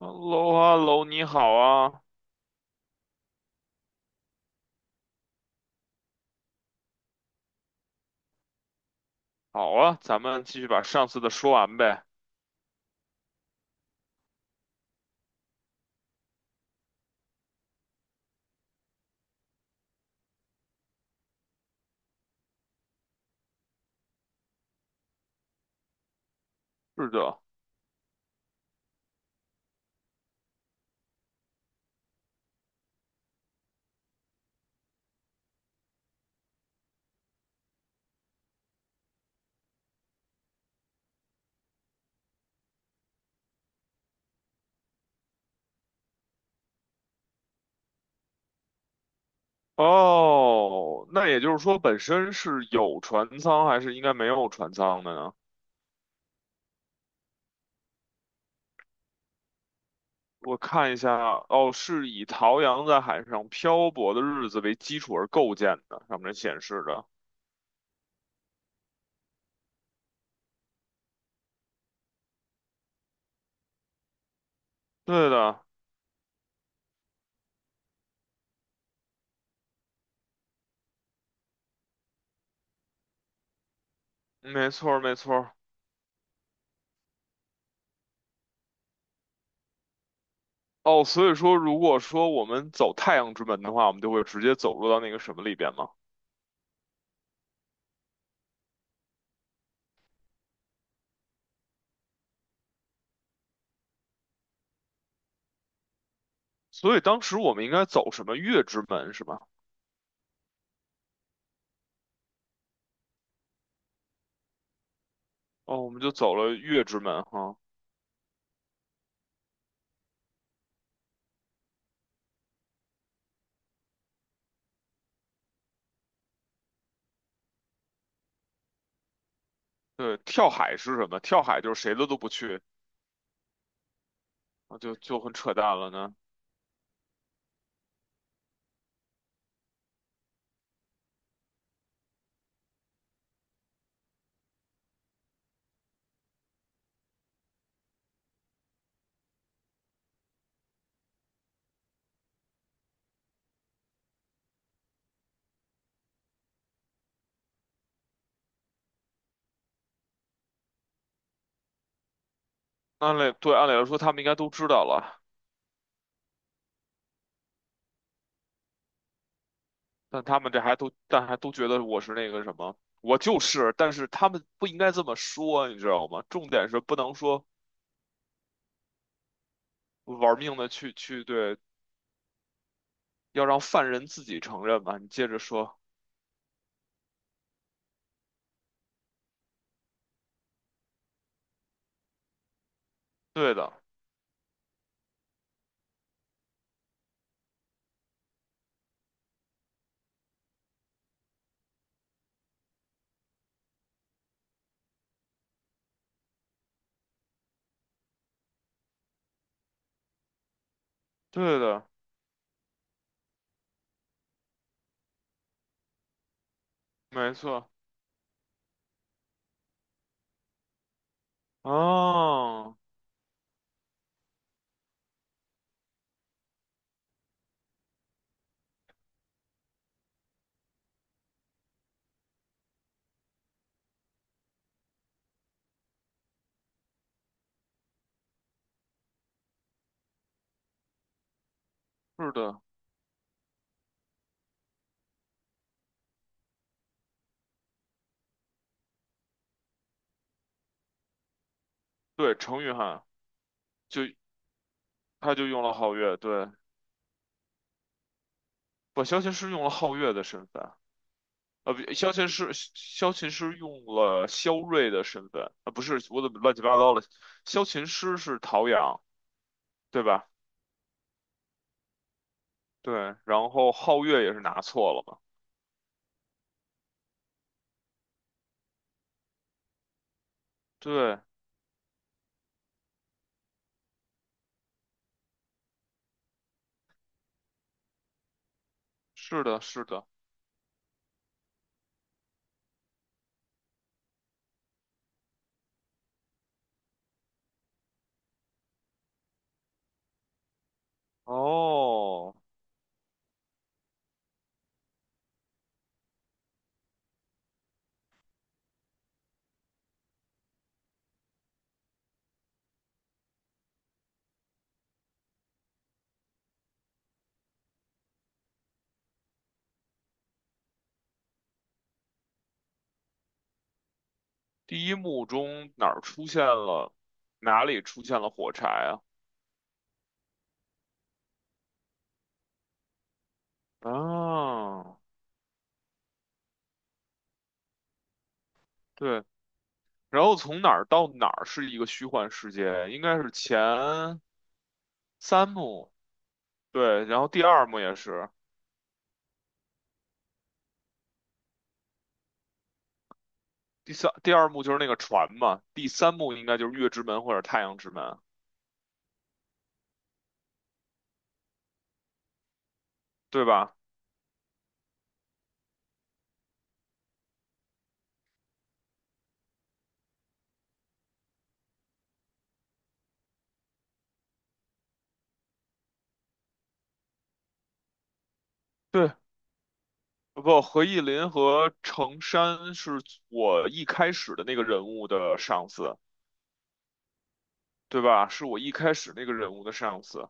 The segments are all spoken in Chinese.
Hello,Hello,你好啊，好啊，咱们继续把上次的说完呗。是的，哦，那也就是说，本身是有船舱还是应该没有船舱的呢？我看一下，哦，是以陶阳在海上漂泊的日子为基础而构建的，上面显示的。对的，没错儿，没错儿。哦，所以说，如果说我们走太阳之门的话，我们就会直接走入到那个什么里边嘛。所以当时我们应该走什么月之门是吧？哦，我们就走了月之门哈。对，跳海是什么？跳海就是谁的都不去，啊，就很扯淡了呢。按理对，按理来说他们应该都知道了，但他们这还都但还都觉得我是那个什么，我就是，但是他们不应该这么说，你知道吗？重点是不能说玩命的去对，要让犯人自己承认吧。你接着说，对的，对的，没错，啊，是的，对，程昱汉就他就用了皓月，对，不，萧琴师用了皓月的身份，啊！不，萧琴师用了萧睿的身份，啊，不是，我怎么乱七八糟了？萧琴师是陶阳，对吧？对，然后皓月也是拿错了嘛？对，是的，是的。哦，第一幕中哪儿出现了，哪里出现了火柴啊？啊，对，然后从哪儿到哪儿是一个虚幻世界，应该是前三幕，对，然后第二幕也是。第二幕就是那个船嘛，第三幕应该就是月之门或者太阳之门，对吧？对，不，何意林和程山是我一开始的那个人物的上司，对吧？是我一开始那个人物的上司。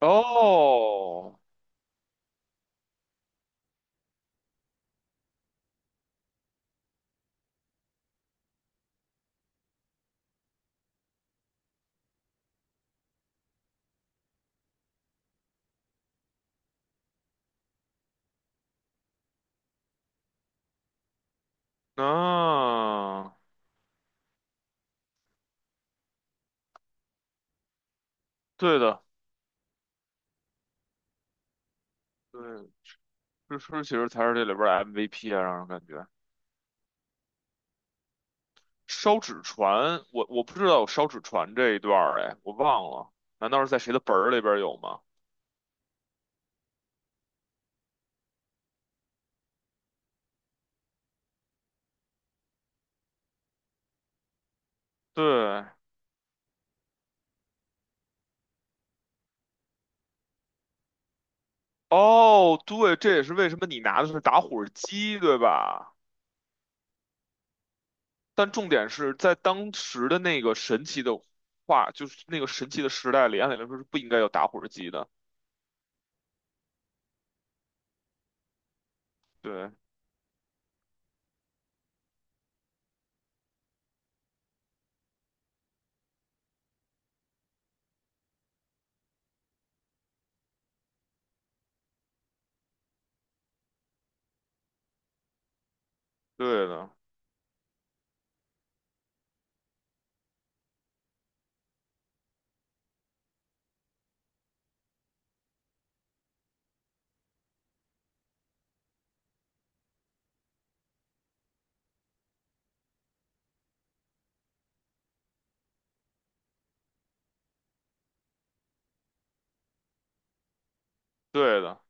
哦，那、对的，对，其实才是这里边儿的 MVP 啊，让人感觉烧纸船，我不知道有烧纸船这一段儿，哎，我忘了，难道是在谁的本儿里边儿有吗？对，哦，对，这也是为什么你拿的是打火机，对吧？但重点是在当时的那个神奇的话，就是那个神奇的时代里，按理来说是不应该有打火机的。对，对的，对的。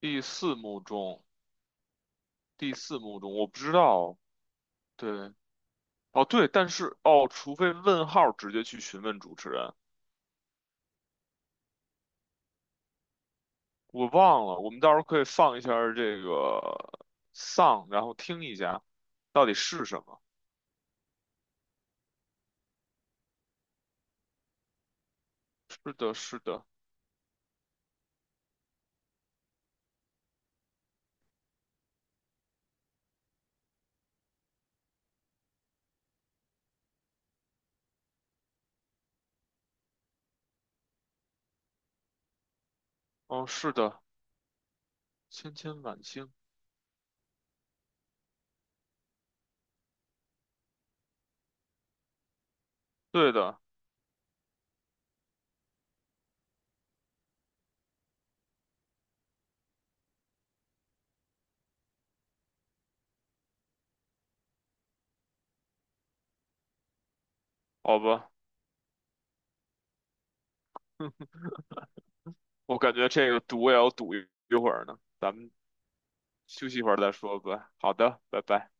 第四幕中，第四幕中，我不知道。对，哦，对，但是除非问号直接去询问主持人，我忘了。我们到时候可以放一下儿这个 song，然后听一下到底是什么。是的，是的，嗯，是的。千千晚星，对的，好吧，我感觉这个赌也要赌一会儿呢，咱们休息一会儿再说吧。好的，拜拜。